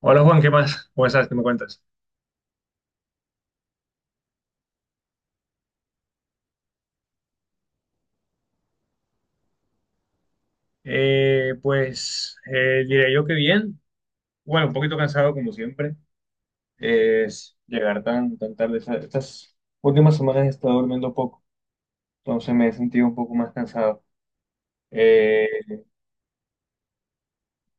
Hola Juan, ¿qué más? ¿Cómo estás? ¿Qué me cuentas? Diré yo que bien. Bueno, un poquito cansado como siempre. Es llegar tan tarde. Estas últimas semanas he estado durmiendo poco, entonces me he sentido un poco más cansado. Eh,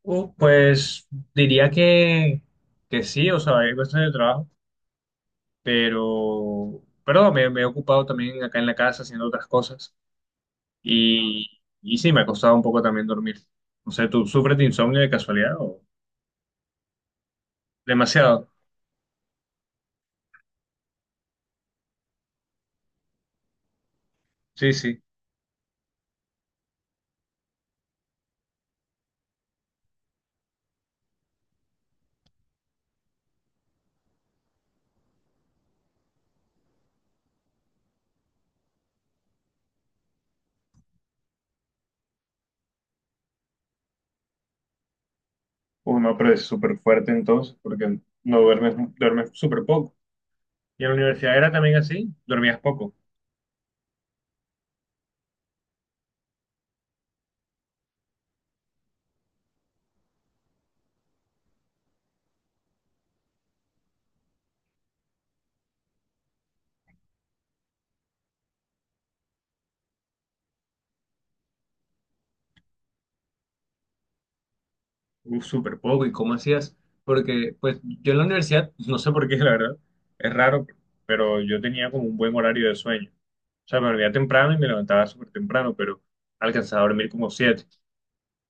pues diría que sí, o sea, hay cuestiones de trabajo, pero no, me he ocupado también acá en la casa haciendo otras cosas y sí, me ha costado un poco también dormir. No sé, ¿tú sufres de insomnio de casualidad o...? Demasiado. Sí, sí. Uy, no, pero es súper fuerte entonces, porque no duermes, duermes súper poco. Y en la universidad era también así, dormías poco. Uf, súper poco. ¿Y cómo hacías? Porque, pues, yo en la universidad, no sé por qué, la verdad, es raro, pero yo tenía como un buen horario de sueño. O sea, me dormía temprano y me levantaba súper temprano, pero alcanzaba a dormir como siete.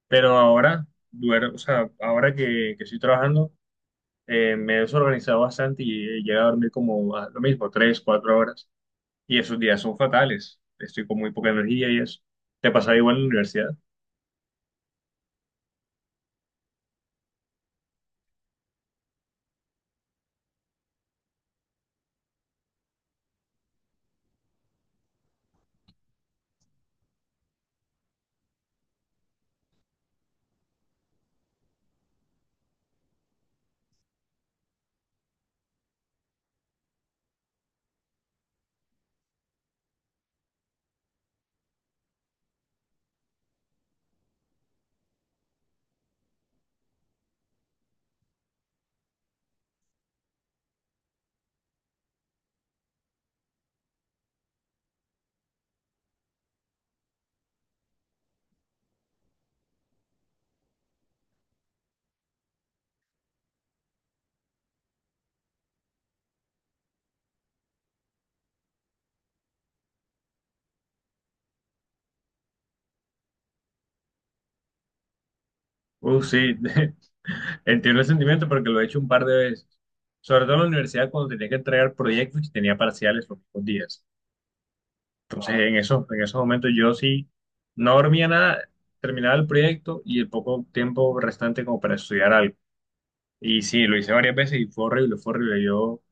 Pero ahora, duermo, o sea, ahora que estoy trabajando, me he desorganizado bastante y he llegado a dormir como a lo mismo, tres, cuatro horas. Y esos días son fatales. Estoy con muy poca energía y eso. ¿Te pasaba igual en la universidad? Sí, entiendo el sentimiento porque lo he hecho un par de veces. Sobre todo en la universidad cuando tenía que entregar proyectos y tenía parciales los mismos días. Entonces, en esos momentos yo sí no dormía nada, terminaba el proyecto y el poco tiempo restante como para estudiar algo. Y sí, lo hice varias veces y fue horrible, fue horrible. Yo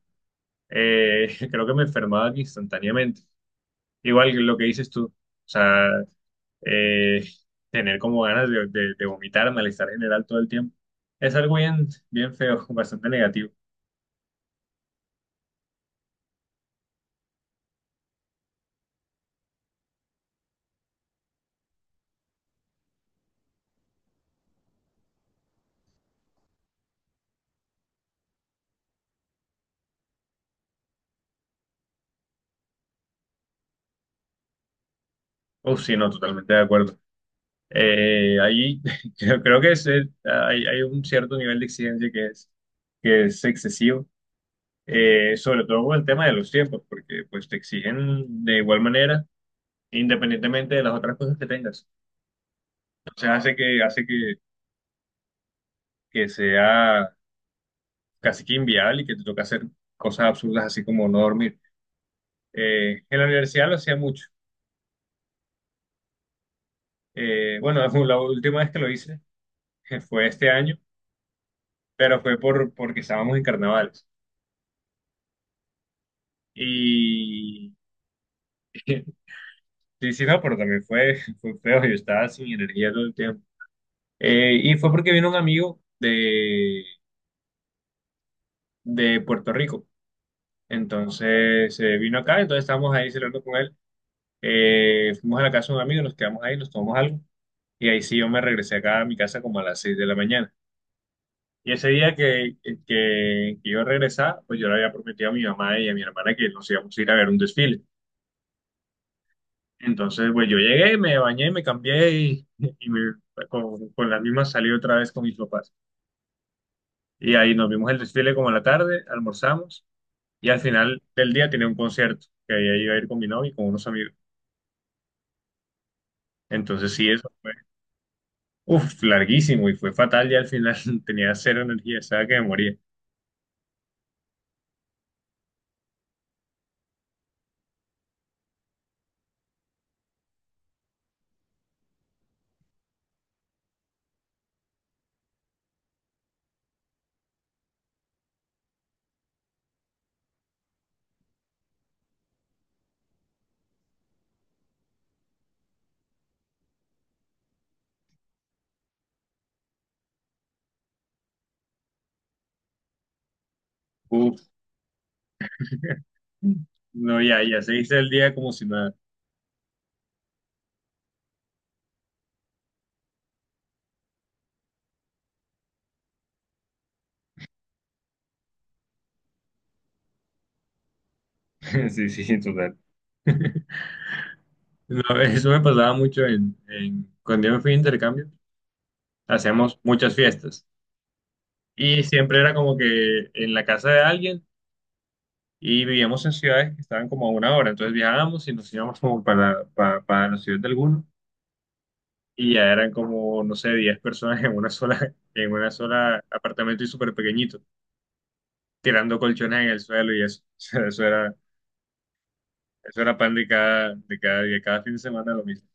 creo que me enfermaba instantáneamente. Igual que lo que dices tú. O sea, eh, tener como ganas de vomitar, malestar general todo el tiempo. Es algo bien, bien feo, bastante negativo. Uf, sí, no, totalmente de acuerdo. Ahí creo que es, hay un cierto nivel de exigencia que es excesivo, sobre todo con el tema de los tiempos, porque pues te exigen de igual manera, independientemente de las otras cosas que tengas. O sea, que sea casi que inviable y que te toque hacer cosas absurdas así como no dormir. En la universidad lo hacía mucho. Bueno, la última vez que lo hice fue este año, pero fue porque estábamos en carnavales. Y sí, sí, no, pero también fue, fue feo, yo estaba sin energía todo el tiempo. Y fue porque vino un amigo de Puerto Rico. Entonces vino acá, entonces estábamos ahí celebrando con él. Fuimos a la casa de un amigo, nos quedamos ahí, nos tomamos algo. Y ahí sí yo me regresé acá a mi casa como a las 6 de la mañana. Y ese día que yo regresaba, pues yo le había prometido a mi mamá y a mi hermana que nos íbamos a ir a ver un desfile. Entonces, pues yo llegué, me bañé, me cambié y me- con las mismas salí otra vez con mis papás. Y ahí nos vimos el desfile como a la tarde, almorzamos y al final del día tenía un concierto que ahí iba a ir con mi novio y con unos amigos. Entonces, sí, eso fue, uf, larguísimo y fue fatal ya al final tenía cero energía, estaba que me moría. Uf, no, ya, ya se hizo el día como si nada. Sí, sí, total. No, eso me pasaba mucho cuando yo me fui de intercambio, hacíamos muchas fiestas y siempre era como que en la casa de alguien y vivíamos en ciudades que estaban como a una hora, entonces viajábamos y nos íbamos como para la ciudad de alguno y ya eran como, no sé, 10 personas en una sola, en una sola apartamento y súper pequeñito, tirando colchones en el suelo y eso, o sea, eso era pan de cada día, cada fin de semana lo mismo.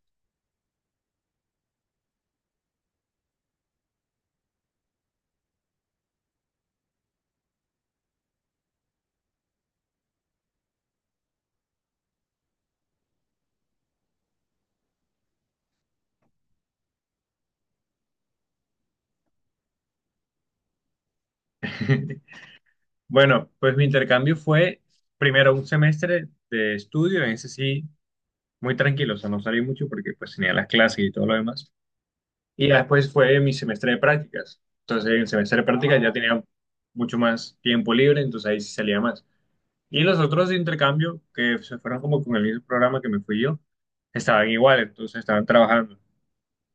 Bueno, pues mi intercambio fue primero un semestre de estudio, en ese sí, muy tranquilo, o sea, no salí mucho porque pues tenía las clases y todo lo demás. Y ya después fue mi semestre de prácticas. Entonces, en el semestre de prácticas ya tenía mucho más tiempo libre, entonces ahí sí salía más. Y los otros de intercambio, que se fueron como con el mismo programa que me fui yo, estaban igual, entonces estaban trabajando.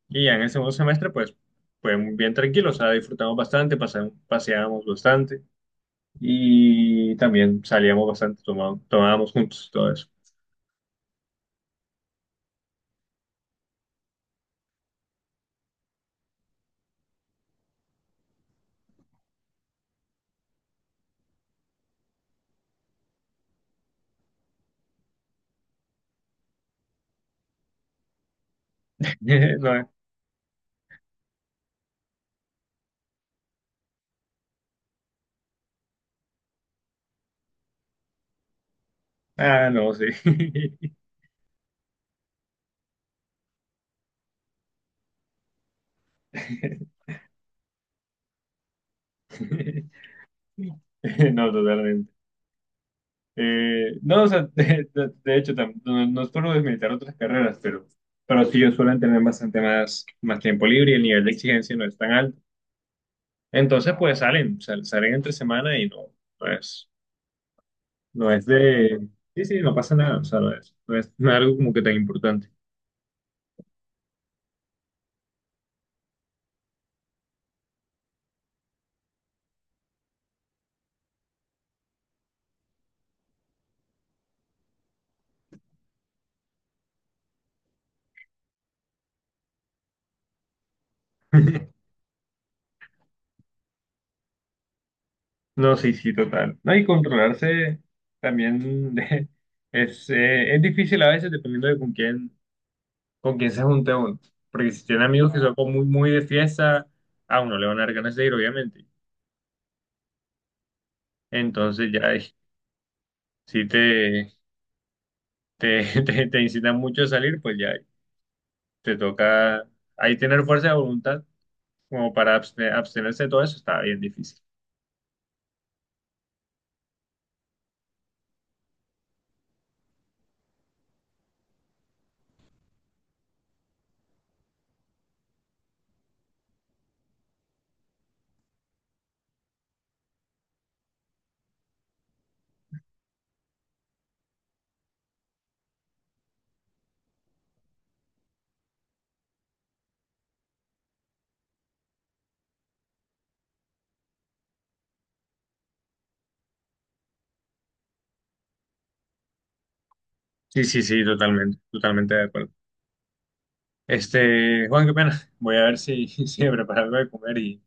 Y ya en el segundo semestre, pues, fue muy bien tranquilo, o sea, disfrutamos bastante, pasamos, paseábamos bastante. Y también salíamos bastante, tomábamos juntos, todo eso. No, ah, no, sí. No, totalmente. No, o sea, de hecho, no, no es por desmilitar otras carreras, pero sí ellos suelen tener bastante más tiempo libre y el nivel de exigencia no es tan alto. Entonces, pues salen entre semana y no, no es, no es de... Sí, sí, no pasa nada, o sea, no es algo como que tan importante. No, sí, sí, total. No, y controlarse también es difícil a veces dependiendo de con quién se junte uno. Porque si tiene amigos que son como muy, muy de fiesta, a uno le van a dar ganas de ir, obviamente. Entonces ya si te, te, te incitan mucho a salir, pues ya te toca ahí tener fuerza de voluntad como para abstenerse de todo eso, está bien difícil. Sí, sí, sí, totalmente, totalmente de acuerdo. Este, Juan, qué pena. Voy a ver si, si me preparo algo de comer y...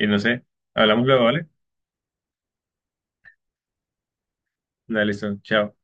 Y no sé, hablamos luego, ¿vale? Dale, listo, chao.